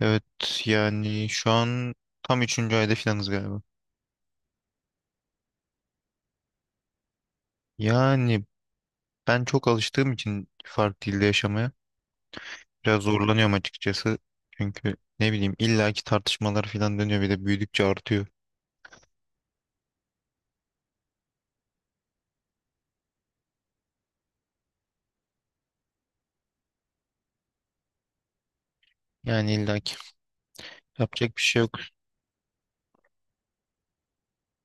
Evet, yani şu an tam üçüncü ayda filanız galiba. Yani ben çok alıştığım için farklı dilde yaşamaya biraz zorlanıyorum açıkçası. Çünkü ne bileyim illaki tartışmalar filan dönüyor, bir de büyüdükçe artıyor. Yani illaki yapacak bir şey yok.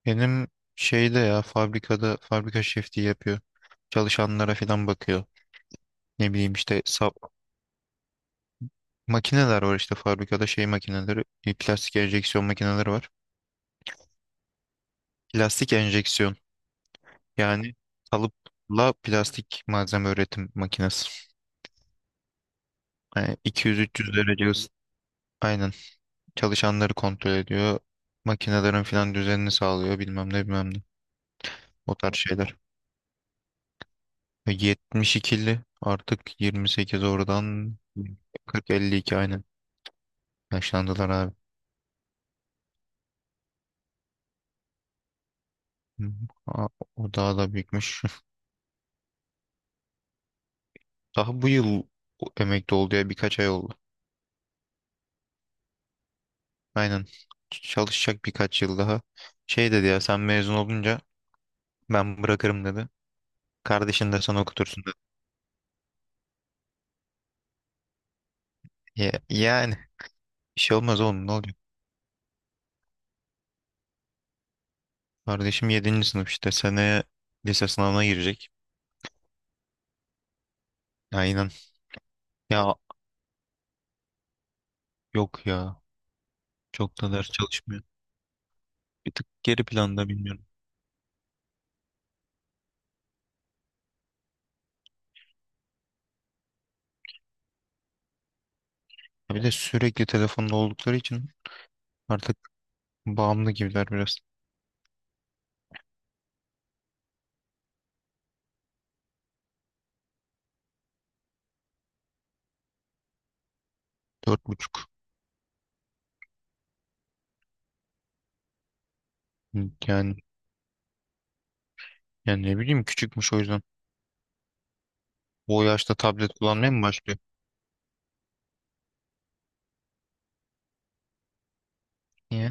Benim şeyde ya fabrikada fabrika şefliği yapıyor. Çalışanlara filan bakıyor. Ne bileyim işte sap, makineler var işte fabrikada şey makineleri, plastik enjeksiyon makineleri var. Plastik enjeksiyon. Yani kalıpla plastik malzeme üretim makinesi. Yani 200-300 derece ısı. Aynen. Çalışanları kontrol ediyor. Makinelerin filan düzenini sağlıyor. Bilmem ne bilmem ne. O tarz şeyler. Ve 72'li artık 28 oradan 40-52 aynen. Yaşlandılar abi. Hı hı. Aa, o daha da büyükmüş. Daha bu yıl emekli oldu ya, birkaç ay oldu. Aynen. Çalışacak birkaç yıl daha. Şey dedi ya, sen mezun olunca ben bırakırım dedi. Kardeşin de sana okutursun da. Ya, yani bir şey olmaz oğlum, ne oluyor? Kardeşim yedinci sınıf, işte seneye lise sınavına girecek. Aynen. Ya yok ya, çok da ders çalışmıyor. Bir tık geri planda, bilmiyorum. Ya bir de sürekli telefonda oldukları için artık bağımlı gibiler biraz. Dört buçuk. Yani ne bileyim küçükmüş o yüzden. O yaşta tablet kullanmaya mı başlıyor? Niye?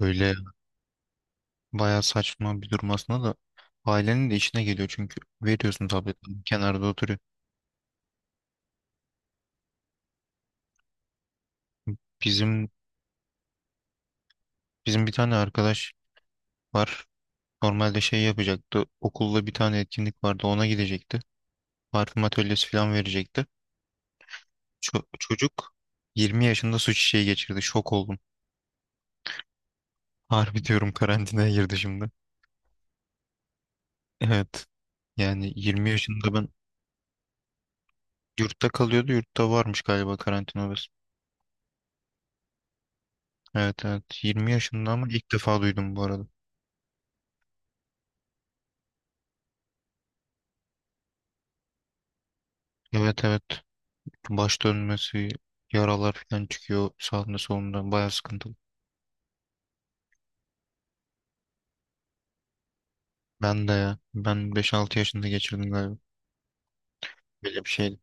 Böyle bayağı saçma bir durum aslında da, ailenin de işine geliyor çünkü veriyorsun tableti, kenarda oturuyor. Bizim Bizim bir tane arkadaş var. Normalde şey yapacaktı. Okulda bir tane etkinlik vardı. Ona gidecekti. Parfüm atölyesi falan verecekti. Çocuk 20 yaşında su çiçeği geçirdi. Şok oldum. Harbi diyorum, karantinaya girdi şimdi. Evet. Yani 20 yaşında ben yurtta kalıyordu. Yurtta varmış galiba karantina odası. Evet, evet. 20 yaşında, ama ilk defa duydum bu arada. Evet, evet. Baş dönmesi, yaralar falan çıkıyor sağında solunda. Baya sıkıntılı. Ben de ya. Ben 5-6 yaşında geçirdim galiba. Böyle bir şey.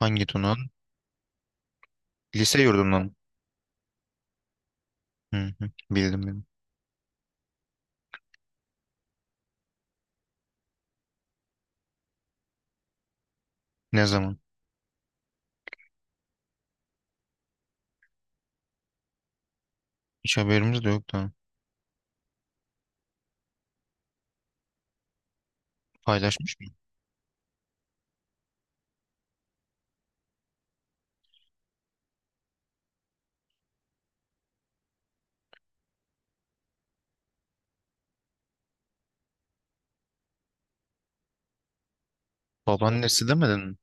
Hangi tunağın? Lise yurdundan mı? Hı hı, bildim bildim. Ne zaman? Hiç haberimiz de yok da. Paylaşmış mı? Babaannesi demedin mi?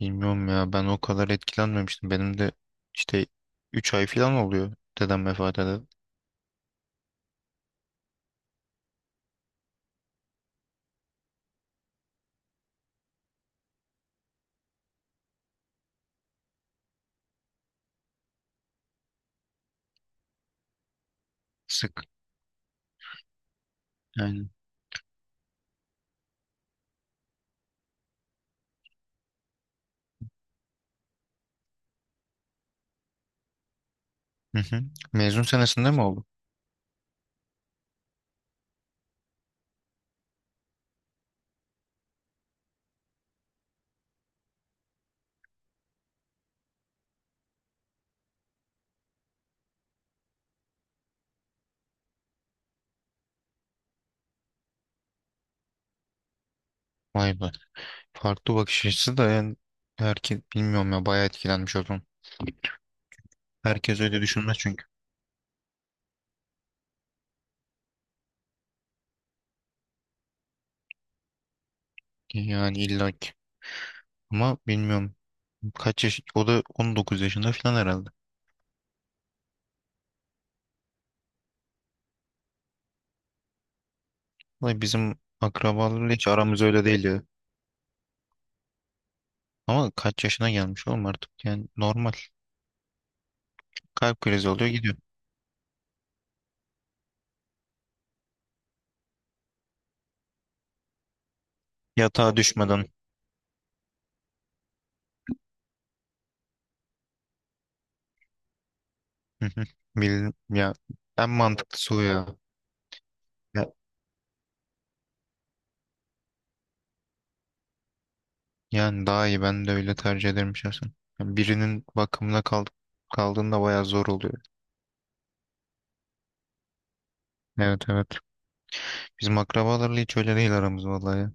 Bilmiyorum ya, ben o kadar etkilenmemiştim. Benim de işte 3 ay falan oluyor dedem vefat edeli. Sık yani. Hı hı. Mezun senesinde mi oldu? Vay be. Farklı bakış açısı da yani, herkes bilmiyorum ya, bayağı etkilenmiş o zaman. Herkes öyle düşünmez çünkü. Yani illaki. Ama bilmiyorum. Kaç yaş? O da 19 yaşında falan herhalde. Vay, bizim akrabalarla hiç aramız öyle değil ya. Ama kaç yaşına gelmiş oğlum, artık yani normal. Kalp krizi oluyor gidiyor. Yatağa düşmeden. Hı hı. Ya en mantıklısı o ya. Ya- Yani daha iyi, ben de öyle tercih ederim şahsen. Yani birinin bakımına kaldığında bayağı zor oluyor. Evet, evet. Bizim akrabalarla hiç öyle değil aramız vallahi ya.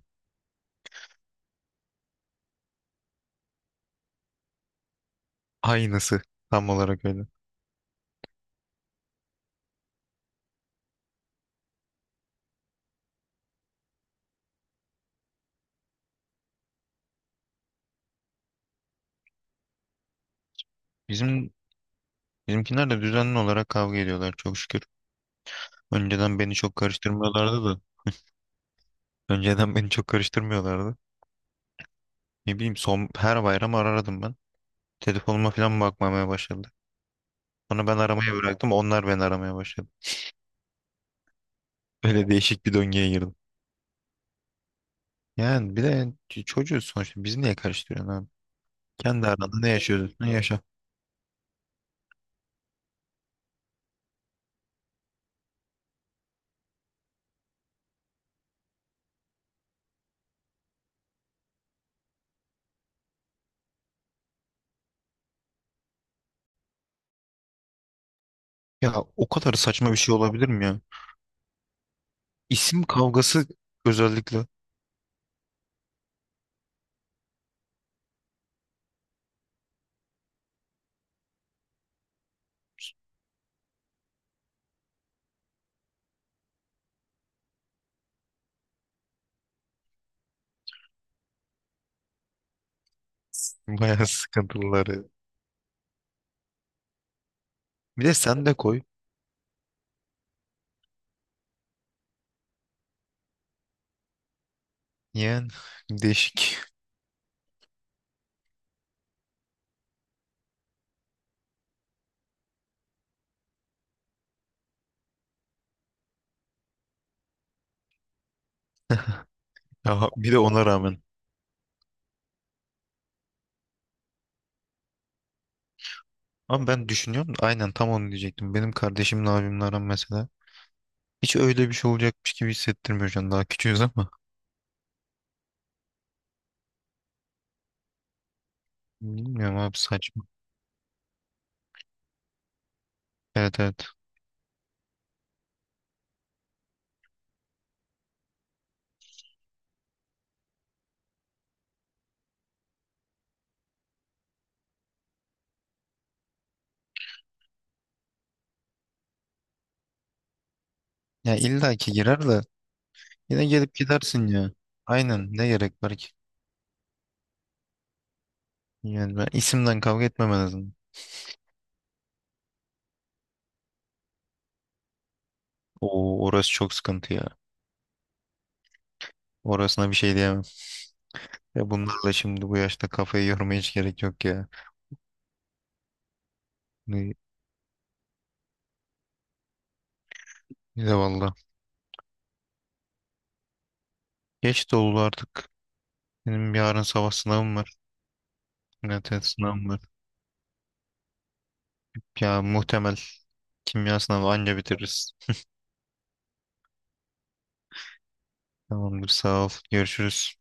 Aynısı tam olarak öyle. Bizim bizimkiler de düzenli olarak kavga ediyorlar çok şükür. Önceden beni çok karıştırmıyorlardı da. Önceden beni çok karıştırmıyorlardı. Ne bileyim, son her bayram arardım ben. Telefonuma falan bakmamaya başladı. Sonra ben aramayı bıraktım. Onlar beni aramaya başladı. Öyle değişik bir döngüye girdim. Yani bir de yani çocuğuz sonuçta. Biz niye karıştırıyorsun abi? Kendi aranda ne yaşıyorsun? Ne yaşa. Ya o kadar saçma bir şey olabilir mi ya? İsim kavgası özellikle bayağı sıkıntılıları. Bir de sen de koy. Yani değişik. Ya bir de ona rağmen. Ama ben düşünüyorum da aynen tam onu diyecektim. Benim kardeşimle abimle aram mesela. Hiç öyle bir şey olacakmış gibi hissettirmiyor şu an. Daha küçüğüz ama. Bilmiyorum abi, saçma. Evet, evet. Ya illa ki girer de yine gelip gidersin ya. Aynen, ne gerek var ki? Yani ben isimden kavga etmem en azından. Oo, orası çok sıkıntı ya. Orasına bir şey diyemem. Ya bunlarla şimdi bu yaşta kafayı yormaya hiç gerek yok ya. Ne, ne valla. Geç de oldu artık. Benim yarın sabah sınavım var. Evet, evet sınavım var. Ya muhtemel kimya sınavı anca bitiririz. Tamamdır, sağ ol. Görüşürüz.